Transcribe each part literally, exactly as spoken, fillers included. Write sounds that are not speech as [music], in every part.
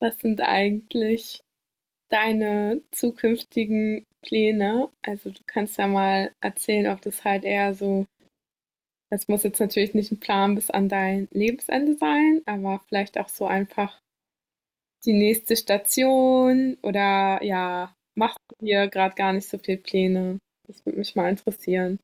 Was sind eigentlich deine zukünftigen Pläne? Also du kannst ja mal erzählen, ob das halt eher so, das muss jetzt natürlich nicht ein Plan bis an dein Lebensende sein, aber vielleicht auch so einfach die nächste Station oder ja, machst du dir gerade gar nicht so viel Pläne? Das würde mich mal interessieren.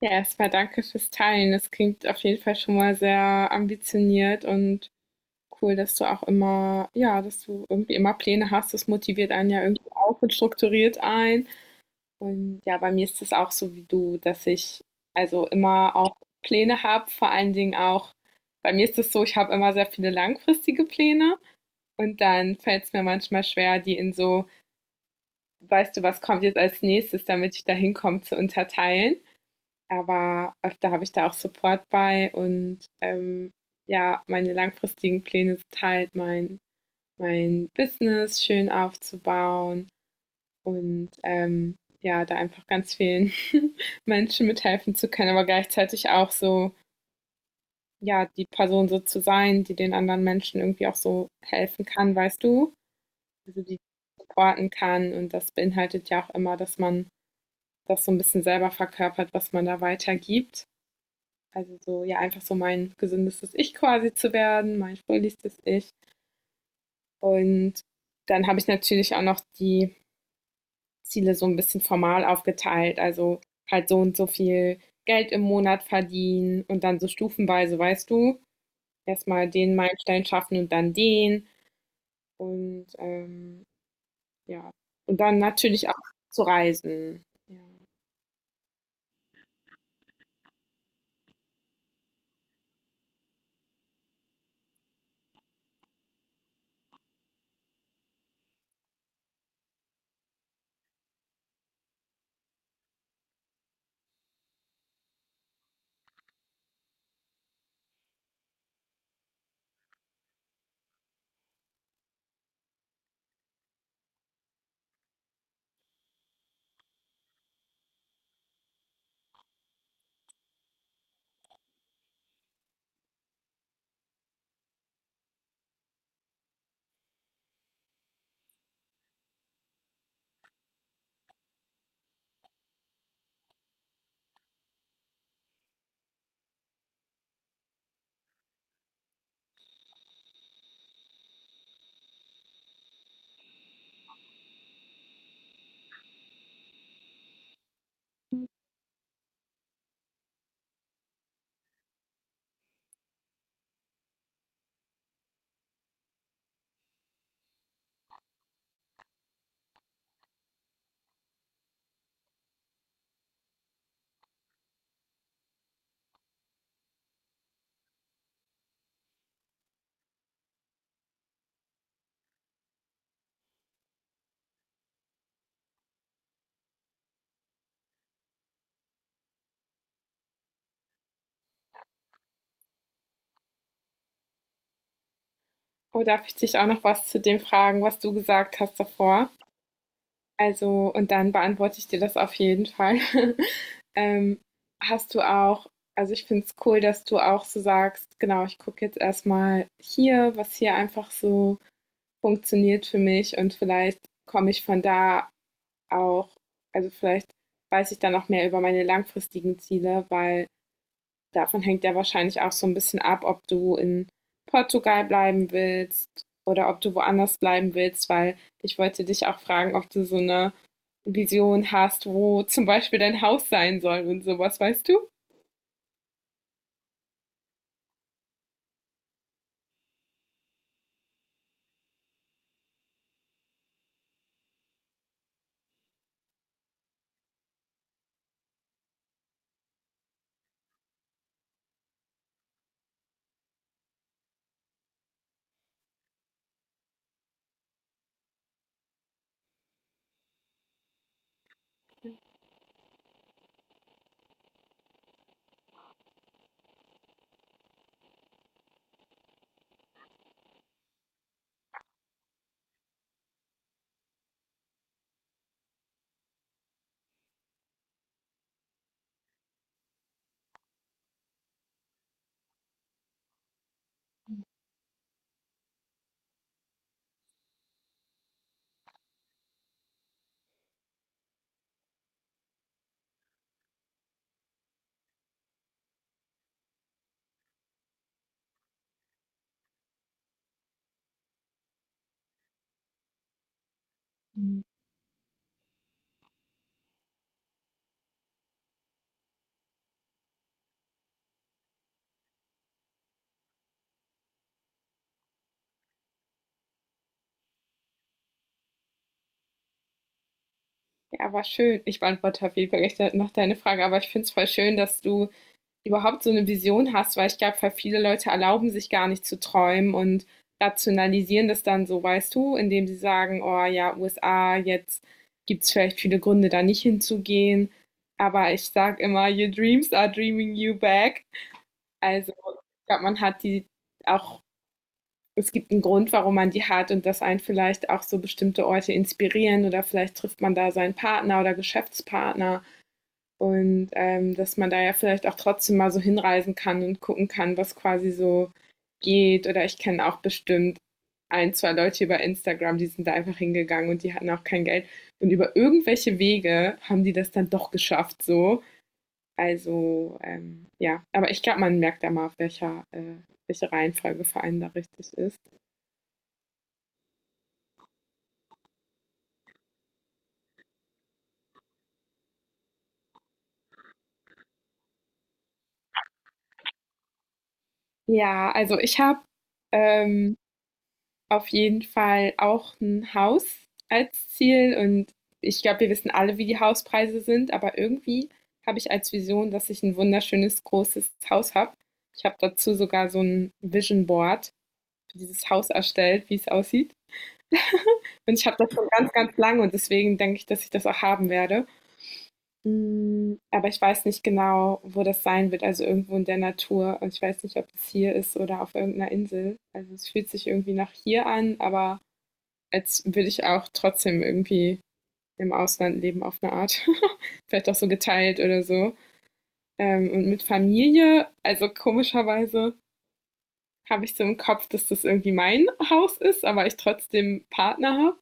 Ja, erstmal danke fürs Teilen. Das klingt auf jeden Fall schon mal sehr ambitioniert und cool, dass du auch immer ja, dass du irgendwie immer Pläne hast. Das motiviert einen ja irgendwie auch und strukturiert ein. Und ja, bei mir ist es auch so wie du, dass ich also immer auch Pläne habe. Vor allen Dingen auch, bei mir ist es so, ich habe immer sehr viele langfristige Pläne und dann fällt es mir manchmal schwer, die in so: „Weißt du, was kommt jetzt als Nächstes, damit ich da hinkomme", zu unterteilen. Aber öfter habe ich da auch Support bei und, ähm, ja, meine langfristigen Pläne sind halt mein mein Business schön aufzubauen und ähm, ja, da einfach ganz vielen [laughs] Menschen mithelfen zu können, aber gleichzeitig auch so, ja, die Person so zu sein, die den anderen Menschen irgendwie auch so helfen kann, weißt du? Also die supporten kann und das beinhaltet ja auch immer, dass man das so ein bisschen selber verkörpert, was man da weitergibt. Also so, ja, einfach so mein gesündestes Ich quasi zu werden, mein fröhlichstes Ich. Und dann habe ich natürlich auch noch die Ziele so ein bisschen formal aufgeteilt, also halt so und so viel Geld im Monat verdienen und dann so stufenweise, weißt du, erstmal den Meilenstein schaffen und dann den. Und, ähm, ja. Und dann natürlich auch zu reisen. Ja. Oh, darf ich dich auch noch was zu dem fragen, was du gesagt hast davor? Also und dann beantworte ich dir das auf jeden Fall. [laughs] Ähm, Hast du auch, also ich finde es cool, dass du auch so sagst: „Genau, ich gucke jetzt erstmal hier, was hier einfach so funktioniert für mich und vielleicht komme ich von da auch, also vielleicht weiß ich dann auch mehr über meine langfristigen Ziele, weil davon hängt ja wahrscheinlich auch so ein bisschen ab, ob du in Portugal bleiben willst oder ob du woanders bleiben willst, weil ich wollte dich auch fragen, ob du so eine Vision hast, wo zum Beispiel dein Haus sein soll und sowas, weißt du? Ja, war schön. Ich beantworte auf jeden Fall gleich noch deine Frage, aber ich finde es voll schön, dass du überhaupt so eine Vision hast, weil ich glaube, voll viele Leute erlauben sich gar nicht zu träumen und rationalisieren das dann so, weißt du, indem sie sagen: „Oh ja, U S A, jetzt gibt es vielleicht viele Gründe, da nicht hinzugehen." Aber ich sage immer: „Your dreams are dreaming you back." Also, ich glaube, man hat die auch. Es gibt einen Grund, warum man die hat und dass einen vielleicht auch so bestimmte Orte inspirieren oder vielleicht trifft man da seinen Partner oder Geschäftspartner. Und ähm, dass man da ja vielleicht auch trotzdem mal so hinreisen kann und gucken kann, was quasi so geht. Oder ich kenne auch bestimmt ein, zwei Leute über Instagram, die sind da einfach hingegangen und die hatten auch kein Geld. Und über irgendwelche Wege haben die das dann doch geschafft, so. Also, ähm, ja, aber ich glaube, man merkt ja mal, auf welcher, äh, welche Reihenfolge vor allem da richtig ist. Ja, also ich habe ähm, auf jeden Fall auch ein Haus als Ziel und ich glaube, wir wissen alle, wie die Hauspreise sind, aber irgendwie habe ich als Vision, dass ich ein wunderschönes großes Haus habe. Ich habe dazu sogar so ein Vision Board für dieses Haus erstellt, wie es aussieht. Und ich habe das schon ganz, ganz lange und deswegen denke ich, dass ich das auch haben werde. Hm, aber ich weiß nicht genau, wo das sein wird, also irgendwo in der Natur und ich weiß nicht, ob es hier ist oder auf irgendeiner Insel. Also, es fühlt sich irgendwie nach hier an, aber als würde ich auch trotzdem irgendwie im Ausland leben auf eine Art. [laughs] Vielleicht auch so geteilt oder so. Ähm, und mit Familie, also komischerweise habe ich so im Kopf, dass das irgendwie mein Haus ist, aber ich trotzdem Partner habe.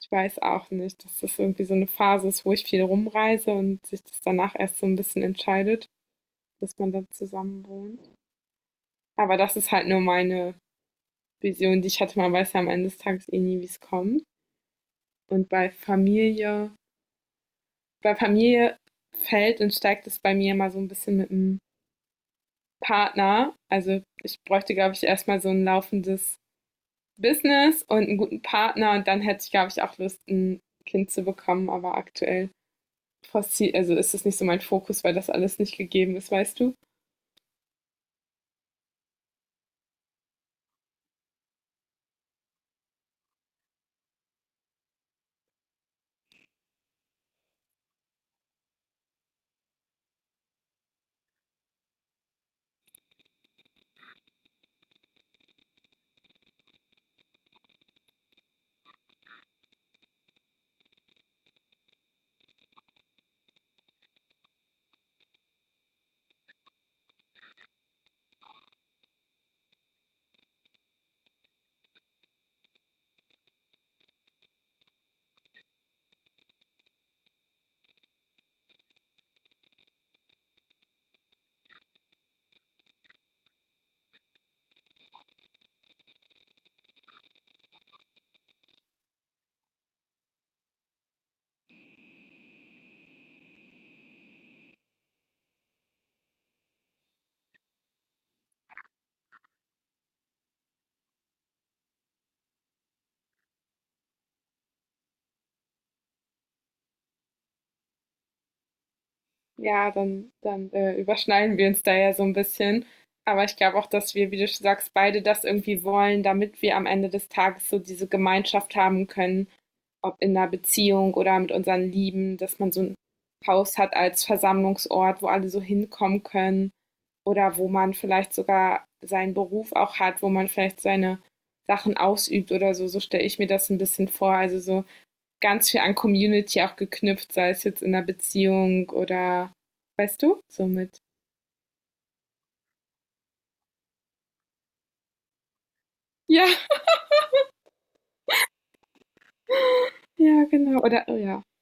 Ich weiß auch nicht, dass das irgendwie so eine Phase ist, wo ich viel rumreise und sich das danach erst so ein bisschen entscheidet, dass man dann zusammen wohnt. Aber das ist halt nur meine Vision, die ich hatte. Man weiß ja am Ende des Tages eh nie, wie es kommt. Und bei Familie bei Familie fällt und steigt es bei mir mal so ein bisschen mit dem Partner. Also ich bräuchte, glaube ich, erstmal so ein laufendes Business und einen guten Partner und dann hätte ich, glaube ich, auch Lust, ein Kind zu bekommen, aber aktuell forci- also ist das nicht so mein Fokus, weil das alles nicht gegeben ist, weißt du? Ja, dann, dann äh, überschneiden wir uns da ja so ein bisschen. Aber ich glaube auch, dass wir, wie du sagst, beide das irgendwie wollen, damit wir am Ende des Tages so diese Gemeinschaft haben können, ob in einer Beziehung oder mit unseren Lieben, dass man so ein Haus hat als Versammlungsort, wo alle so hinkommen können oder wo man vielleicht sogar seinen Beruf auch hat, wo man vielleicht seine Sachen ausübt oder so. So stelle ich mir das ein bisschen vor. Also so ganz viel an Community auch geknüpft, sei es jetzt in einer Beziehung oder, weißt du, so mit. Ja, ja, genau. Oder, oh ja.